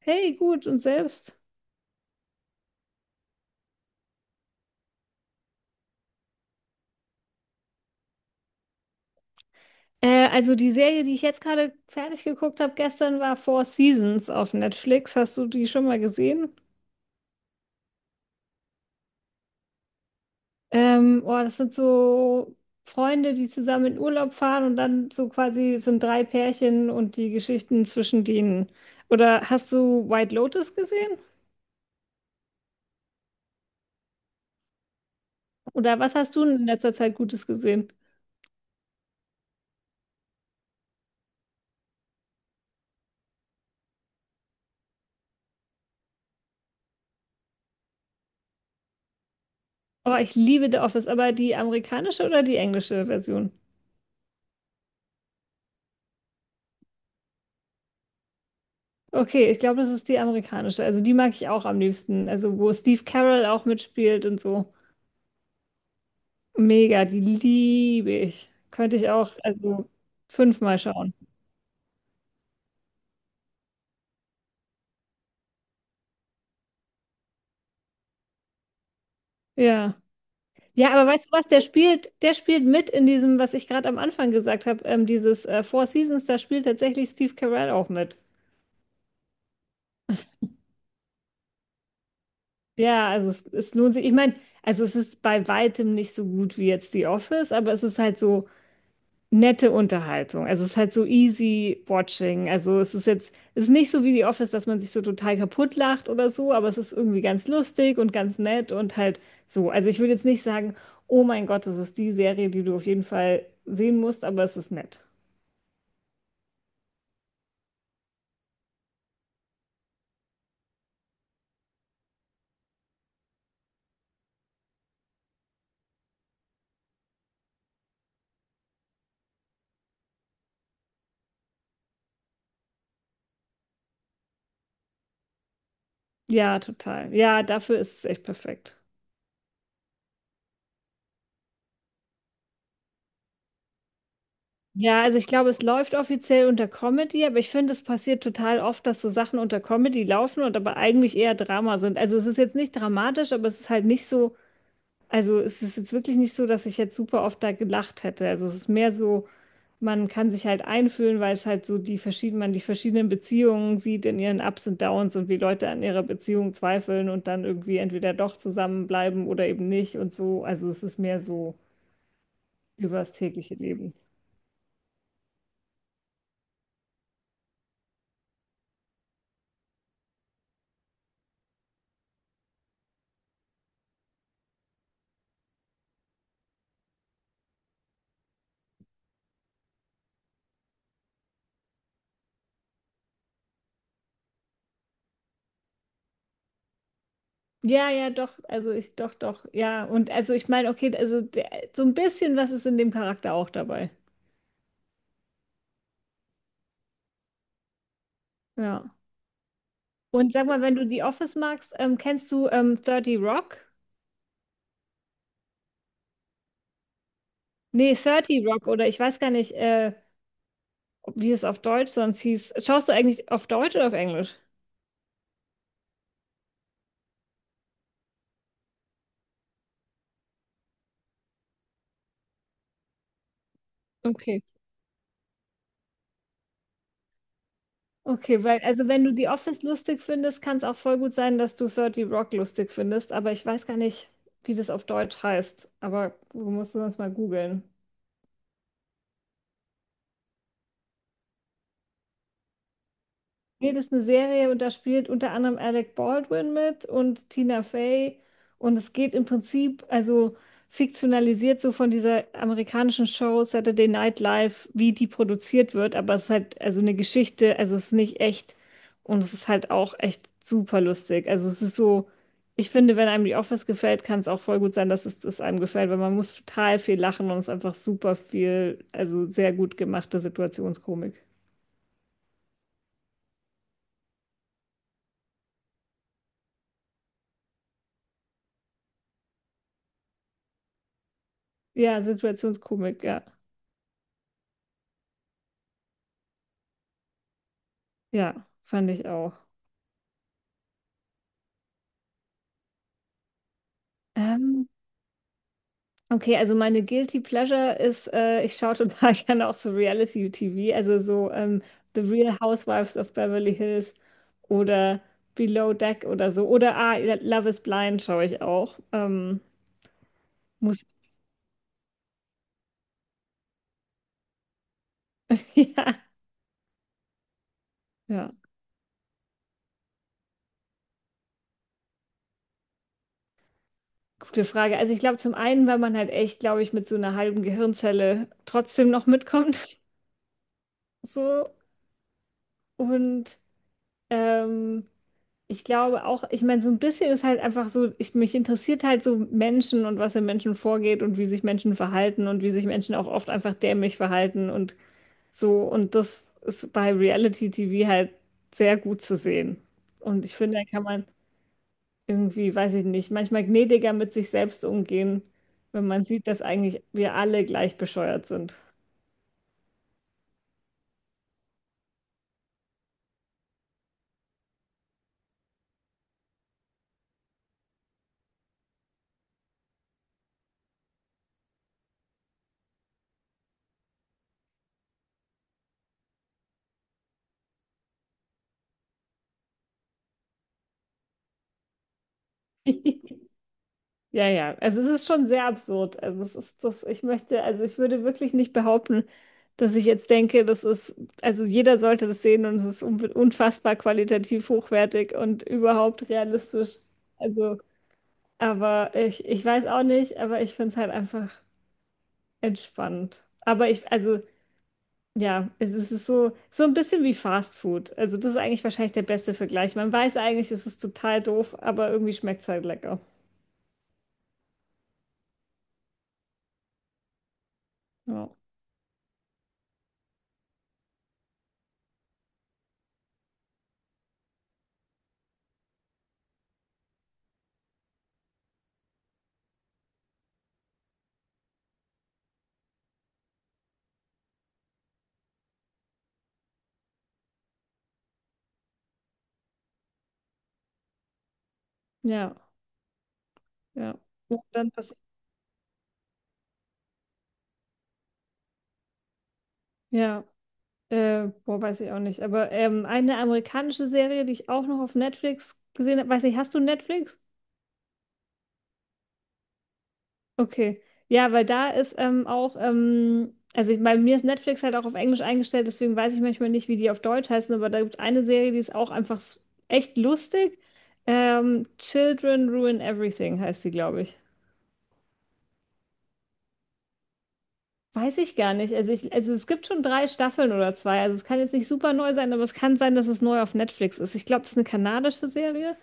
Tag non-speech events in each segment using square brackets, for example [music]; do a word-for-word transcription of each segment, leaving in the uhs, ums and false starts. Hey, gut, und selbst? Äh, also die Serie, die ich jetzt gerade fertig geguckt habe gestern, war Four Seasons auf Netflix. Hast du die schon mal gesehen? Ähm, oh, das sind so Freunde, die zusammen in Urlaub fahren und dann so quasi es sind drei Pärchen und die Geschichten zwischen denen. Oder hast du White Lotus gesehen? Oder was hast du in letzter Zeit Gutes gesehen? Oh, ich liebe The Office, aber die amerikanische oder die englische Version? Okay, ich glaube, das ist die amerikanische. Also die mag ich auch am liebsten. Also wo Steve Carell auch mitspielt und so. Mega, die liebe ich. Könnte ich auch, also fünfmal schauen. Ja. Ja, aber weißt du was, der spielt, der spielt mit in diesem, was ich gerade am Anfang gesagt habe, ähm, dieses äh, Four Seasons, da spielt tatsächlich Steve Carell auch mit. Ja, also es, es lohnt sich. Ich meine, also es ist bei weitem nicht so gut wie jetzt The Office, aber es ist halt so, nette Unterhaltung. Also es ist halt so easy watching. Also es ist jetzt, es ist nicht so wie The Office, dass man sich so total kaputt lacht oder so, aber es ist irgendwie ganz lustig und ganz nett und halt so. Also ich würde jetzt nicht sagen, oh mein Gott, das ist die Serie, die du auf jeden Fall sehen musst, aber es ist nett. Ja, total. Ja, dafür ist es echt perfekt. Ja, also ich glaube, es läuft offiziell unter Comedy, aber ich finde, es passiert total oft, dass so Sachen unter Comedy laufen und aber eigentlich eher Drama sind. Also es ist jetzt nicht dramatisch, aber es ist halt nicht so. Also es ist jetzt wirklich nicht so, dass ich jetzt super oft da gelacht hätte. Also es ist mehr so, man kann sich halt einfühlen, weil es halt so die verschiedenen, man die verschiedenen Beziehungen sieht in ihren Ups und Downs und wie Leute an ihrer Beziehung zweifeln und dann irgendwie entweder doch zusammenbleiben oder eben nicht und so. Also es ist mehr so über das tägliche Leben. Ja, ja, doch, also ich, doch, doch, ja. Und also ich meine, okay, also der, so ein bisschen was ist in dem Charakter auch dabei. Ja. Und sag mal, wenn du The Office magst, ähm, kennst du ähm, dreißig Rock? Nee, dreißig Rock oder ich weiß gar nicht, äh, wie es auf Deutsch sonst hieß. Schaust du eigentlich auf Deutsch oder auf Englisch? Okay. Okay, weil, also wenn du The Office lustig findest, kann es auch voll gut sein, dass du dreißig Rock lustig findest, aber ich weiß gar nicht, wie das auf Deutsch heißt. Aber du musst es sonst mal googeln. Nee, das ist eine Serie und da spielt unter anderem Alec Baldwin mit und Tina Fey. Und es geht im Prinzip, also fiktionalisiert so von dieser amerikanischen Show Saturday Night Live, wie die produziert wird. Aber es ist halt also eine Geschichte, also es ist nicht echt und es ist halt auch echt super lustig. Also es ist so, ich finde, wenn einem The Office gefällt, kann es auch voll gut sein, dass es es einem gefällt, weil man muss total viel lachen und es ist einfach super viel, also sehr gut gemachte Situationskomik. Ja, Situationskomik, ja. Ja, fand ich auch. Ähm, okay, also meine Guilty Pleasure ist, äh, ich schaue total [laughs] gerne auch so Reality-T V, also so ähm, The Real Housewives of Beverly Hills oder Below Deck oder so. Oder ah, Love is Blind schaue ich auch. Ähm, muss, [laughs] ja, ja. Gute Frage. Also ich glaube zum einen, weil man halt echt, glaube ich, mit so einer halben Gehirnzelle trotzdem noch mitkommt. [laughs] So. Und Ähm, ich glaube auch, ich meine, so ein bisschen ist halt einfach so, ich, mich interessiert halt so Menschen und was in Menschen vorgeht und wie sich Menschen verhalten und wie sich Menschen auch oft einfach dämlich verhalten und so. Und das ist bei Reality-T V halt sehr gut zu sehen. Und ich finde, da kann man irgendwie, weiß ich nicht, manchmal gnädiger mit sich selbst umgehen, wenn man sieht, dass eigentlich wir alle gleich bescheuert sind. [laughs] Ja, ja. Also es ist schon sehr absurd. Also es ist das, ich möchte, also ich würde wirklich nicht behaupten, dass ich jetzt denke, das ist, also jeder sollte das sehen und es ist unbe- unfassbar qualitativ hochwertig und überhaupt realistisch. Also, aber ich, ich weiß auch nicht, aber ich finde es halt einfach entspannend. Aber ich, also ja, es ist so, so ein bisschen wie Fast Food. Also das ist eigentlich wahrscheinlich der beste Vergleich. Man weiß eigentlich, es ist total doof, aber irgendwie schmeckt es halt lecker. Ja, ja, ja. Und dann passiert ja, äh, boah, weiß ich auch nicht. Aber ähm, eine amerikanische Serie, die ich auch noch auf Netflix gesehen habe, weiß nicht, hast du Netflix? Okay. Ja, weil da ist ähm, auch, ähm, also ich, bei mir ist Netflix halt auch auf Englisch eingestellt, deswegen weiß ich manchmal nicht, wie die auf Deutsch heißen, aber da gibt es eine Serie, die ist auch einfach s- echt lustig. Ähm, Children Ruin Everything heißt die, glaube ich. Weiß ich gar nicht. Also, ich, also es gibt schon drei Staffeln oder zwei. Also es kann jetzt nicht super neu sein, aber es kann sein, dass es neu auf Netflix ist. Ich glaube, es ist eine kanadische Serie.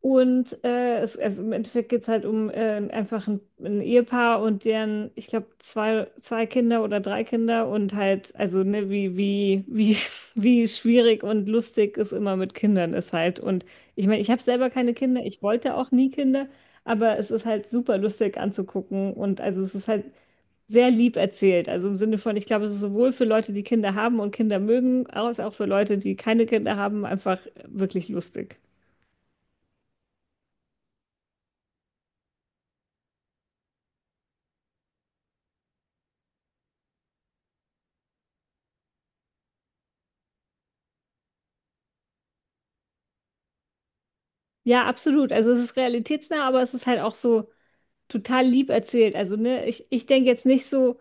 Und äh, es, also im Endeffekt geht es halt um äh, einfach ein, ein Ehepaar und deren, ich glaube, zwei, zwei Kinder oder drei Kinder und halt, also ne, wie, wie, wie, [laughs] wie schwierig und lustig es immer mit Kindern ist halt. Und ich meine, ich habe selber keine Kinder, ich wollte auch nie Kinder, aber es ist halt super lustig anzugucken und also es ist halt sehr lieb erzählt. Also im Sinne von, ich glaube, es ist sowohl für Leute, die Kinder haben und Kinder mögen, als auch für Leute, die keine Kinder haben, einfach wirklich lustig. Ja, absolut. Also es ist realitätsnah, aber es ist halt auch so total lieb erzählt. Also, ne, ich, ich denke jetzt nicht so,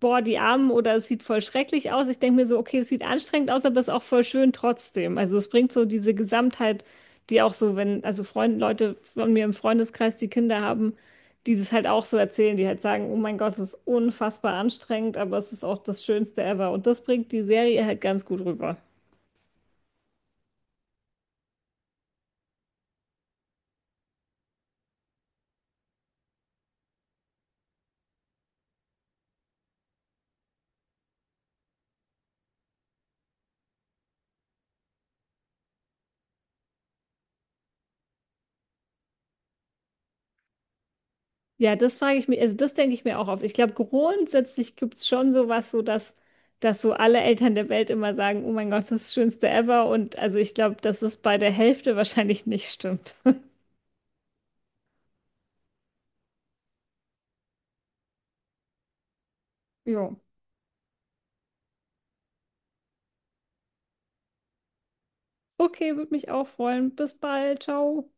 boah, die Armen oder es sieht voll schrecklich aus. Ich denke mir so, okay, es sieht anstrengend aus, aber es ist auch voll schön trotzdem. Also es bringt so diese Gesamtheit, die auch so, wenn, also Freunde, Leute von mir im Freundeskreis, die Kinder haben, die das halt auch so erzählen, die halt sagen, oh mein Gott, es ist unfassbar anstrengend, aber es ist auch das Schönste ever. Und das bringt die Serie halt ganz gut rüber. Ja, das frage ich mich, also das denke ich mir auch oft. Ich glaube, grundsätzlich gibt es schon sowas, so dass, dass so alle Eltern der Welt immer sagen, oh mein Gott, das ist das Schönste ever. Und also ich glaube, dass es bei der Hälfte wahrscheinlich nicht stimmt. [laughs] Jo. Okay, würde mich auch freuen. Bis bald. Ciao.